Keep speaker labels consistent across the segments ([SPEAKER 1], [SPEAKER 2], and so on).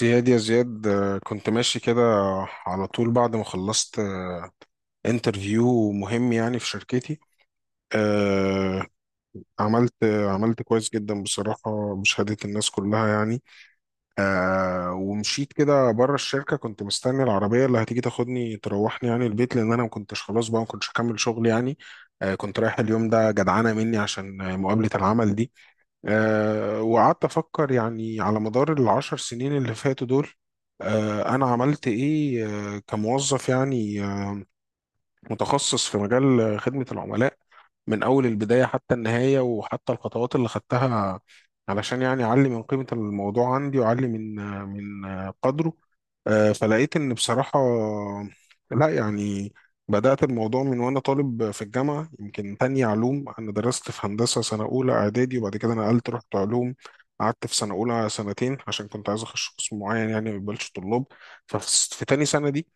[SPEAKER 1] زياد، يا زياد، كنت ماشي كده على طول بعد ما خلصت انترفيو مهم يعني في شركتي. آه، عملت عملت كويس جدا بصراحة بشهادة الناس كلها يعني. ومشيت كده بره الشركة، كنت مستني العربية اللي هتيجي تاخدني تروحني يعني البيت، لأن أنا ما كنتش خلاص بقى، ما كنتش هكمل شغل يعني. كنت رايح اليوم ده جدعانة مني عشان مقابلة العمل دي. وقعدت أفكر يعني على مدار ال10 سنين اللي فاتوا دول. أنا عملت إيه كموظف يعني متخصص في مجال خدمة العملاء، من أول البداية حتى النهاية، وحتى الخطوات اللي خدتها علشان يعني أعلي من قيمة الموضوع عندي، وأعلي من قدره. فلقيت إن بصراحة، لا يعني بدأت الموضوع من وأنا طالب في الجامعة، يمكن تانية علوم. أنا درست في هندسة سنة أولى إعدادي، وبعد كده نقلت رحت علوم. قعدت في سنة أولى سنتين عشان كنت عايز أخش قسم معين يعني ما يقبلش طلاب. ففي تاني سنة دي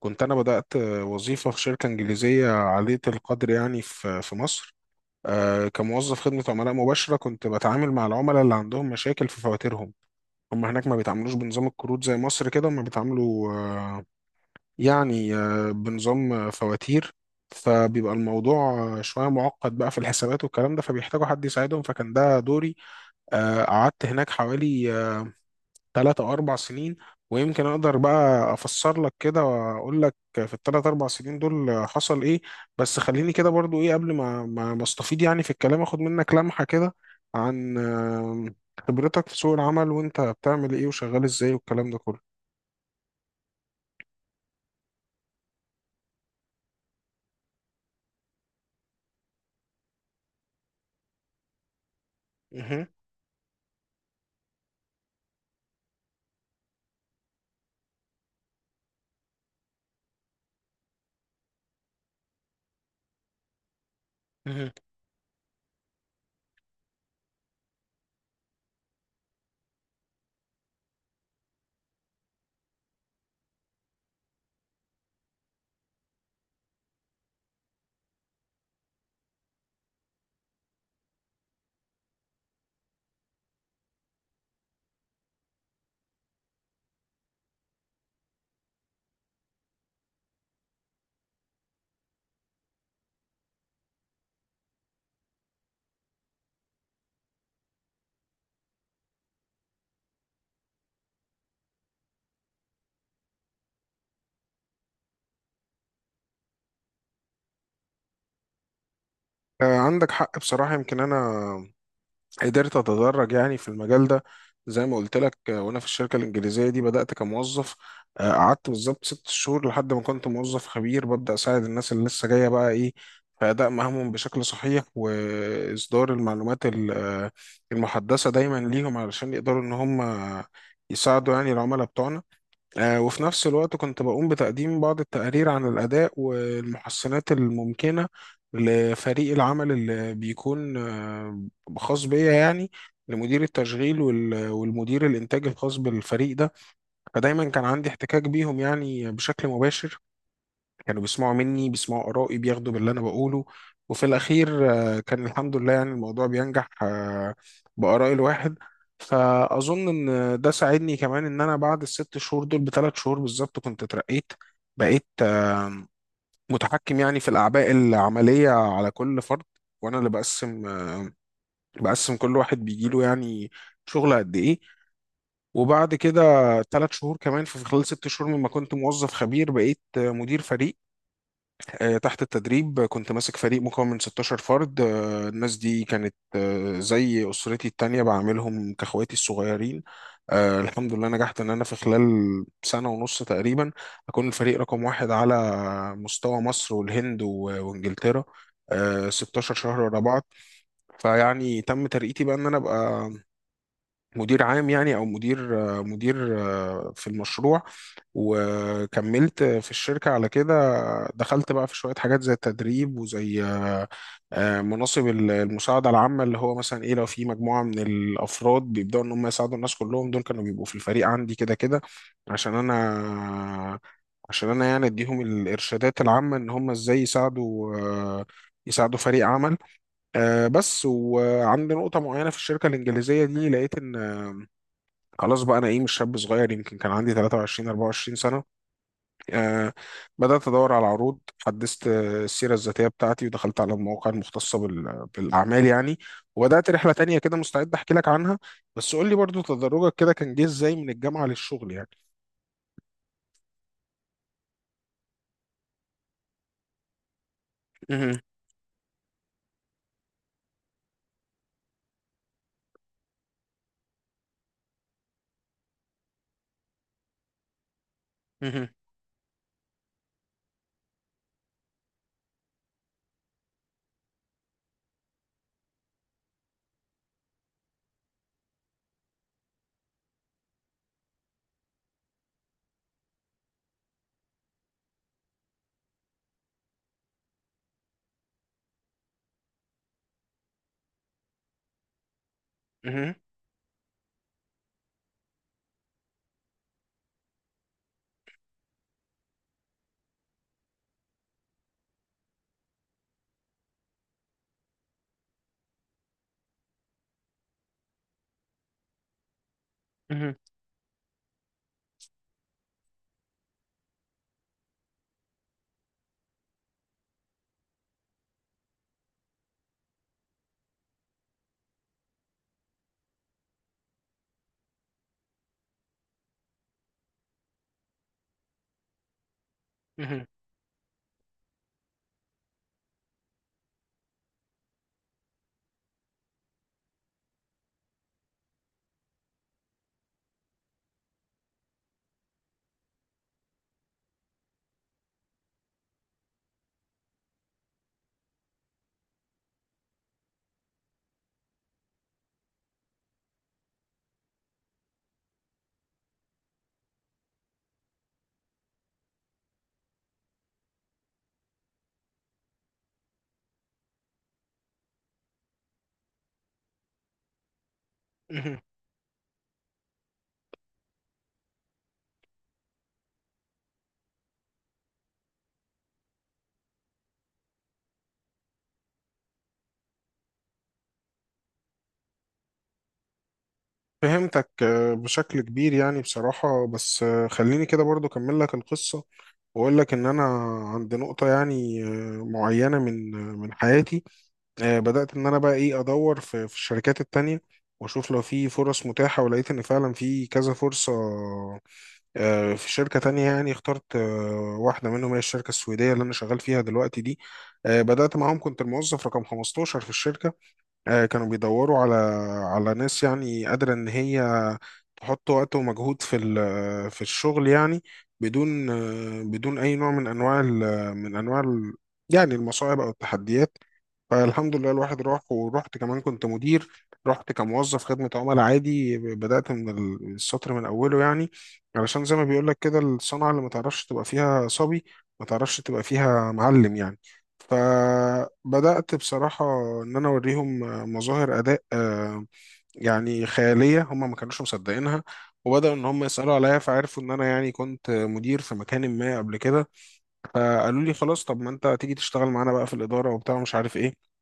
[SPEAKER 1] كنت أنا بدأت وظيفة في شركة إنجليزية عالية القدر يعني في مصر. كموظف خدمة عملاء مباشرة، كنت بتعامل مع العملاء اللي عندهم مشاكل في فواتيرهم. هم هناك ما بيتعاملوش بنظام الكروت زي مصر كده، هم بيتعاملوا يعني بنظام فواتير. فبيبقى الموضوع شوية معقد بقى في الحسابات والكلام ده، فبيحتاجوا حد يساعدهم، فكان ده دوري. قعدت هناك حوالي 3 او 4 سنين. ويمكن اقدر بقى افسر لك كده واقول لك في ال3 4 سنين دول حصل ايه. بس خليني كده برضو ايه قبل ما استفيض يعني في الكلام، اخد منك لمحة كده عن خبرتك في سوق العمل، وانت بتعمل ايه وشغال ازاي والكلام ده كله. مهم. مهم. عندك حق بصراحة. يمكن أنا قدرت اتدرج يعني في المجال ده زي ما قلت لك. وانا في الشركه الانجليزيه دي بدات كموظف. قعدت بالظبط 6 شهور لحد ما كنت موظف خبير، ببدا اساعد الناس اللي لسه جايه بقى ايه في اداء مهامهم بشكل صحيح، واصدار المعلومات المحدثه دايما ليهم علشان يقدروا ان هم يساعدوا يعني العملاء بتوعنا. وفي نفس الوقت كنت بقوم بتقديم بعض التقارير عن الأداء والمحسنات الممكنة لفريق العمل اللي بيكون خاص بيا، يعني لمدير التشغيل والمدير الإنتاج الخاص بالفريق ده. فدايما كان عندي احتكاك بيهم يعني بشكل مباشر، كانوا بيسمعوا مني، بيسمعوا آرائي، بياخدوا باللي أنا بقوله. وفي الأخير كان الحمد لله يعني الموضوع بينجح بآراء الواحد. فأظن إن ده ساعدني كمان إن أنا بعد ال6 شهور دول ب3 شهور بالظبط كنت اترقيت، بقيت متحكم يعني في الأعباء العملية على كل فرد، وأنا اللي بقسم كل واحد بيجيله يعني شغل قد إيه. وبعد كده 3 شهور كمان، في خلال 6 شهور مما كنت موظف خبير، بقيت مدير فريق تحت التدريب. كنت ماسك فريق مكون من 16 فرد. الناس دي كانت زي أسرتي التانية بعاملهم كأخواتي الصغيرين. الحمد لله نجحت إن أنا في خلال سنة ونص تقريبا أكون الفريق رقم واحد على مستوى مصر والهند وإنجلترا. 16 شهر ورا بعض. فيعني تم ترقيتي بقى إن أنا أبقى مدير عام يعني او مدير في المشروع. وكملت في الشركه على كده. دخلت بقى في شويه حاجات زي التدريب وزي مناصب المساعده العامه، اللي هو مثلا ايه لو في مجموعه من الافراد بيبداوا ان هم يساعدوا الناس كلهم، دول كانوا بيبقوا في الفريق عندي كده كده، عشان انا يعني اديهم الارشادات العامه ان هم ازاي يساعدوا فريق عمل. بس وعند نقطة معينة في الشركة الإنجليزية دي لقيت إن خلاص بقى، انا ايه مش شاب صغير، يمكن كان عندي 23 24 سنه. آه بدات ادور على عروض، حدثت السيره الذاتيه بتاعتي، ودخلت على المواقع المختصه بالاعمال يعني. وبدات رحله تانية كده، مستعد احكي لك عنها، بس قول لي برضو تدرجك كده كان جه ازاي من الجامعه للشغل يعني. مهم، مهم، مهم، مهم، مهم، مهم. فهمتك بشكل كبير يعني بصراحه، بس خليني كده برضو اكمل لك القصه، واقول لك ان انا عند نقطه يعني معينه من حياتي. بدأت إن أنا بقى إيه أدور في الشركات التانية، وأشوف لو في فرص متاحة. ولقيت إن فعلا في كذا فرصة في شركة تانية، يعني اخترت واحدة منهم، هي الشركة السويدية اللي أنا شغال فيها دلوقتي دي. بدأت معاهم كنت الموظف رقم 15 في الشركة. كانوا بيدوروا على ناس يعني قادرة إن هي تحط وقت ومجهود في في الشغل يعني، بدون بدون أي نوع من أنواع يعني المصاعب أو التحديات. فالحمد لله، الواحد راح، ورحت كمان كنت مدير. رحت كموظف خدمة عملاء عادي، بدأت من السطر من أوله يعني، علشان زي ما بيقول لك كده الصنعة اللي ما تعرفش تبقى فيها صبي، ما تعرفش تبقى فيها معلم يعني. فبدأت بصراحة إن أنا أوريهم مظاهر أداء يعني خيالية هم ما كانوش مصدقينها. وبدأوا إن هم يسألوا عليا، فعرفوا إن أنا يعني كنت مدير في مكان ما قبل كده. فقالوا لي خلاص، طب ما أنت تيجي تشتغل معانا بقى في الإدارة وبتاع مش عارف إيه.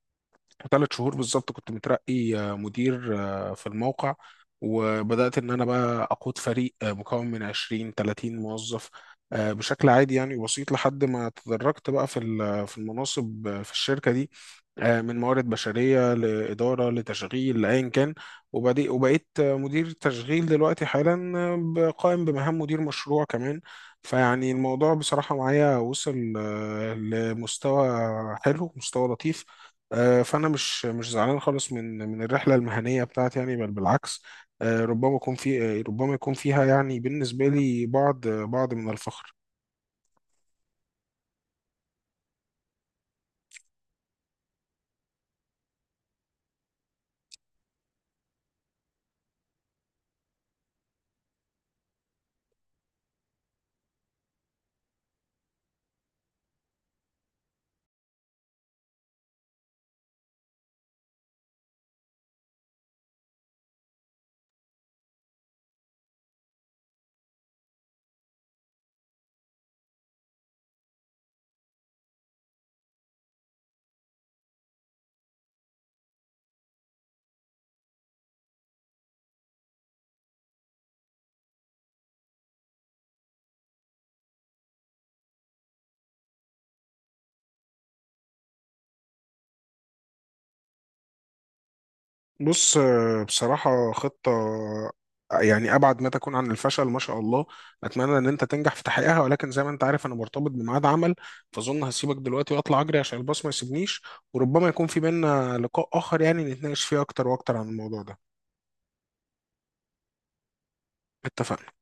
[SPEAKER 1] 3 شهور بالظبط كنت مترقي مدير في الموقع. وبدأت إن أنا بقى أقود فريق مكون من 20 30 موظف. بشكل عادي يعني بسيط، لحد ما تدرجت بقى في في المناصب في الشركة دي، من موارد بشرية لإدارة لتشغيل لأيا كان. وبقيت مدير تشغيل دلوقتي حالا، قائم بمهام مدير مشروع كمان. فيعني الموضوع بصراحة معايا وصل لمستوى حلو مستوى لطيف. فانا مش زعلان خالص من الرحله المهنيه بتاعتي يعني، بل بالعكس. ربما يكون في آه، ربما يكون فيها، يعني بالنسبه لي بعض من الفخر. بص بصراحه خطه يعني ابعد ما تكون عن الفشل، ما شاء الله. اتمنى ان انت تنجح في تحقيقها، ولكن زي ما انت عارف انا مرتبط بميعاد عمل، فاظن هسيبك دلوقتي واطلع اجري عشان الباص ما يسيبنيش. وربما يكون في بينا لقاء اخر يعني، نتناقش فيه اكتر واكتر عن الموضوع ده. اتفقنا.